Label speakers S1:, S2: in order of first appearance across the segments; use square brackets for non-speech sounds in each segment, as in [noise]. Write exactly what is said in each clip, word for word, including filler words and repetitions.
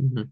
S1: Hı hı.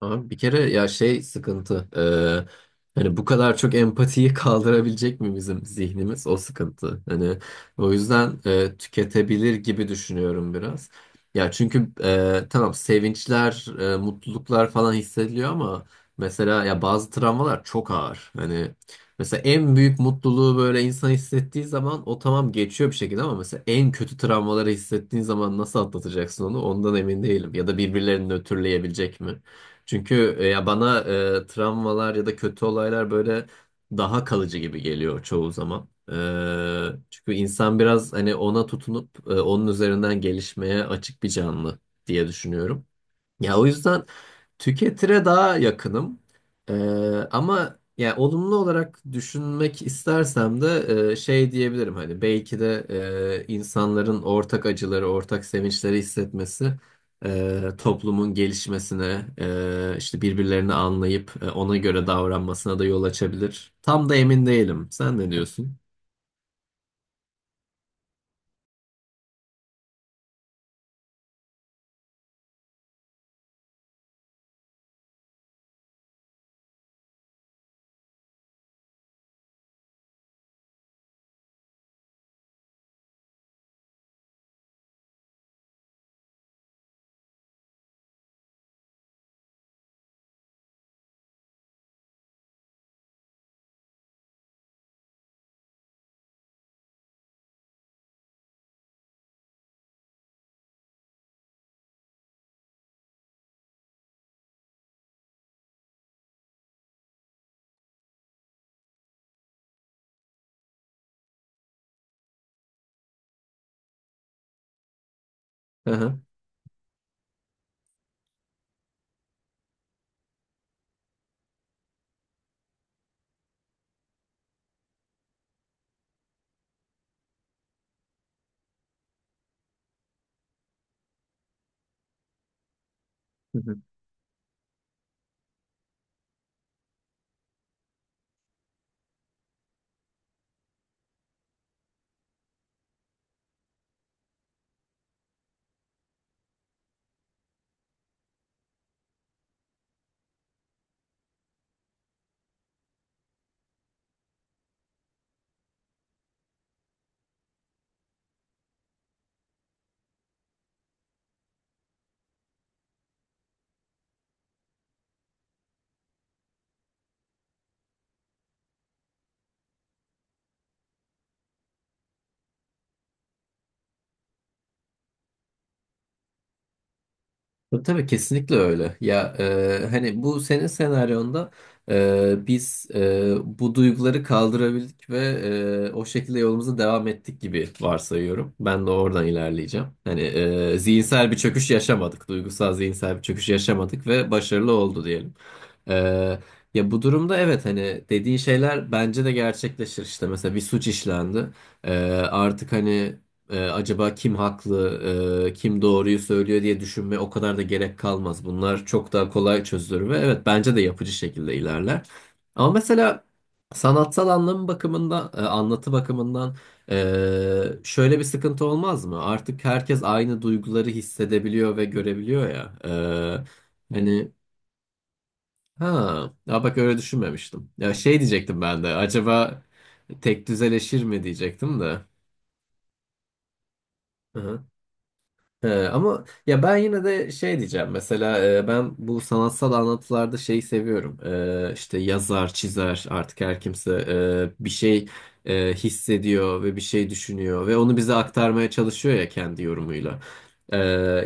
S1: Abi bir kere ya şey sıkıntı. Ee, hani bu kadar çok empatiyi [laughs] kaldırabilecek mi bizim zihnimiz? O sıkıntı. Hani o yüzden e, tüketebilir gibi düşünüyorum biraz. Ya çünkü e, tamam sevinçler, e, mutluluklar falan hissediliyor ama mesela ya bazı travmalar çok ağır. Hani mesela en büyük mutluluğu böyle insan hissettiği zaman o tamam geçiyor bir şekilde ama mesela en kötü travmaları hissettiğin zaman nasıl atlatacaksın onu? Ondan emin değilim. Ya da birbirlerini nötrleyebilecek mi? Çünkü e, ya bana e, travmalar ya da kötü olaylar böyle daha kalıcı gibi geliyor çoğu zaman. E, çünkü insan biraz hani ona tutunup e, onun üzerinden gelişmeye açık bir canlı diye düşünüyorum. Ya o yüzden tüketire daha yakınım. Ee, Ama yani olumlu olarak düşünmek istersem de e, şey diyebilirim hani belki de e, insanların ortak acıları, ortak sevinçleri hissetmesi e, toplumun gelişmesine, e, işte birbirlerini anlayıp e, ona göre davranmasına da yol açabilir. Tam da emin değilim. Sen ne diyorsun? Hı hı. Tabii tabii, kesinlikle öyle. Ya e, hani bu senin senaryonda e, biz e, bu duyguları kaldırabildik ve e, o şekilde yolumuza devam ettik gibi varsayıyorum. Ben de oradan ilerleyeceğim. Hani e, zihinsel bir çöküş yaşamadık, duygusal zihinsel bir çöküş yaşamadık ve başarılı oldu diyelim. E, Ya bu durumda evet hani dediğin şeyler bence de gerçekleşir işte. Mesela bir suç işlendi. E, Artık hani. Ee, acaba kim haklı, e, kim doğruyu söylüyor diye düşünmeye o kadar da gerek kalmaz. Bunlar çok daha kolay çözülür ve evet bence de yapıcı şekilde ilerler. Ama mesela sanatsal anlamı bakımından, e, anlatı bakımından e, şöyle bir sıkıntı olmaz mı? Artık herkes aynı duyguları hissedebiliyor ve görebiliyor ya. E, hani ha, ya bak öyle düşünmemiştim. Ya şey diyecektim ben de. Acaba tek düzeleşir mi diyecektim de. He, ama ya ben yine de şey diyeceğim mesela e, ben bu sanatsal anlatılarda şeyi seviyorum. E, işte yazar çizer artık her kimse e, bir şey e, hissediyor ve bir şey düşünüyor ve onu bize aktarmaya çalışıyor ya kendi yorumuyla. E,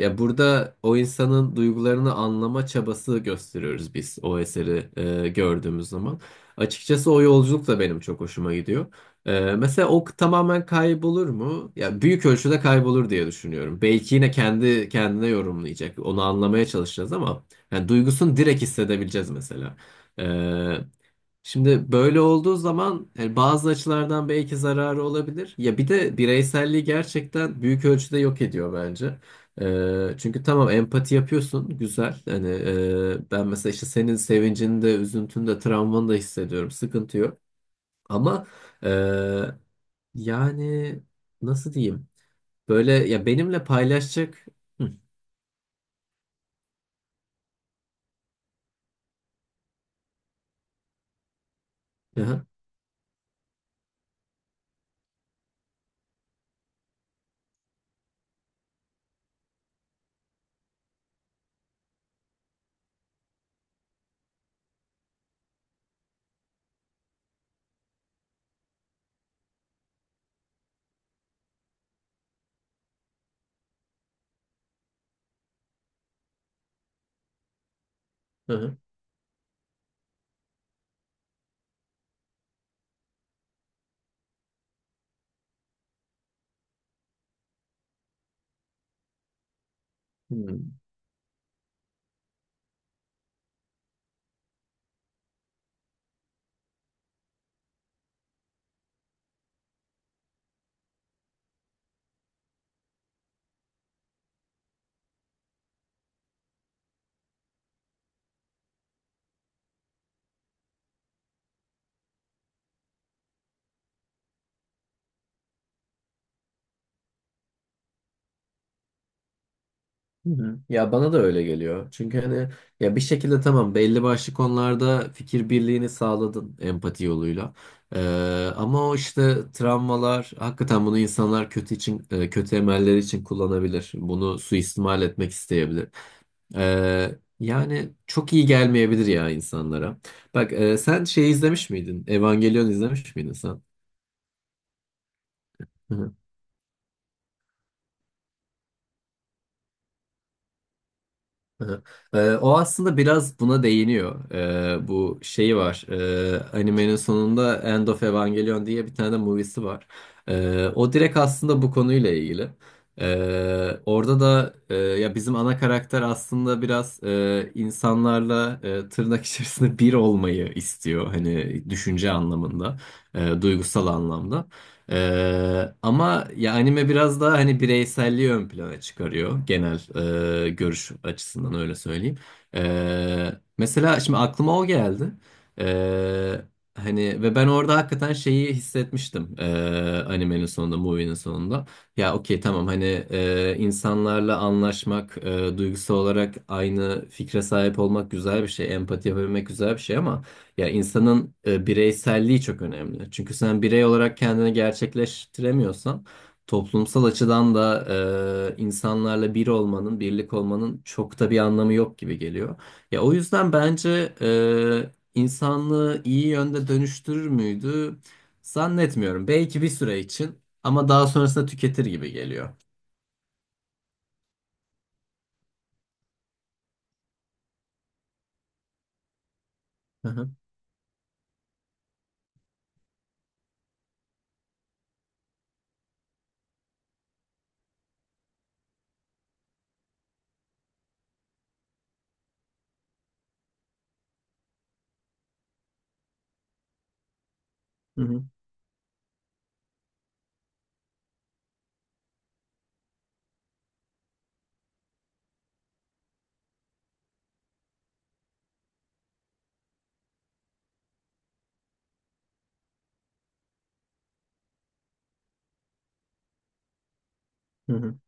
S1: Ya burada o insanın duygularını anlama çabası gösteriyoruz biz o eseri e, gördüğümüz zaman açıkçası o yolculuk da benim çok hoşuma gidiyor. Ee, mesela o tamamen kaybolur mu? Ya büyük ölçüde kaybolur diye düşünüyorum. Belki yine kendi kendine yorumlayacak. Onu anlamaya çalışacağız ama yani duygusunu direkt hissedebileceğiz mesela. Ee, Şimdi böyle olduğu zaman yani bazı açılardan belki zararı olabilir. Ya bir de bireyselliği gerçekten büyük ölçüde yok ediyor bence. Ee, çünkü tamam empati yapıyorsun güzel hani e, ben mesela işte senin sevincini de üzüntünü de travmanı da hissediyorum sıkıntı yok. Ama eee, yani nasıl diyeyim? Böyle ya benimle paylaşacak. Hı, hı, hı, hı, hı, hı. Ya bana da öyle geliyor. Çünkü hani ya bir şekilde tamam belli başlı konularda fikir birliğini sağladın empati yoluyla. Eee, ama o işte travmalar hakikaten bunu insanlar kötü için e, kötü emeller için kullanabilir. Bunu suistimal etmek isteyebilir. Ee, yani çok iyi gelmeyebilir ya insanlara. Bak e, sen şey izlemiş miydin? Evangelion izlemiş miydin sen? Hı. Ee, e, o aslında biraz buna değiniyor. Ee, bu şeyi var. Ee, animenin sonunda End of Evangelion diye bir tane de movie'si var. Ee, o direkt aslında bu konuyla ilgili. Ee, orada da e, ya bizim ana karakter aslında biraz e, insanlarla e, tırnak içerisinde bir olmayı istiyor. Hani düşünce anlamında, e, duygusal anlamda. Ee, ama ya anime biraz daha hani bireyselliği ön plana çıkarıyor genel e, görüş açısından öyle söyleyeyim. Ee, Mesela şimdi aklıma o geldi. Ee, Hani ve ben orada hakikaten şeyi hissetmiştim ee, animenin sonunda, movie'nin sonunda. Ya okey tamam hani e, insanlarla anlaşmak, e, duygusal olarak aynı fikre sahip olmak güzel bir şey, empati yapabilmek güzel bir şey ama. Ya insanın e, bireyselliği çok önemli. Çünkü sen birey olarak kendini gerçekleştiremiyorsan toplumsal açıdan da e, insanlarla bir olmanın, birlik olmanın çok da bir anlamı yok gibi geliyor. Ya o yüzden bence e, insanlığı iyi yönde dönüştürür müydü? Zannetmiyorum. Belki bir süre için ama daha sonrasında tüketir gibi geliyor. Hı hı, hı hı, hı hı,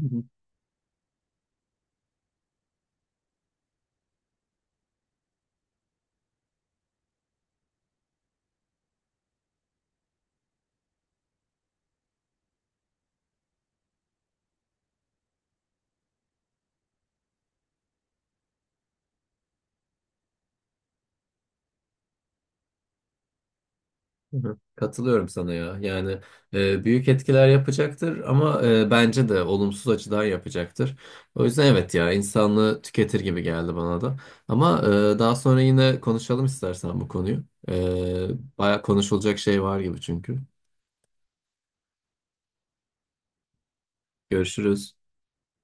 S1: hı hı. Hı hı. Katılıyorum sana ya. Yani e, büyük etkiler yapacaktır ama e, bence de olumsuz açıdan yapacaktır. O yüzden evet ya insanlığı tüketir gibi geldi bana da. Ama e, daha sonra yine konuşalım istersen bu konuyu. E, Baya konuşulacak şey var gibi çünkü. Görüşürüz.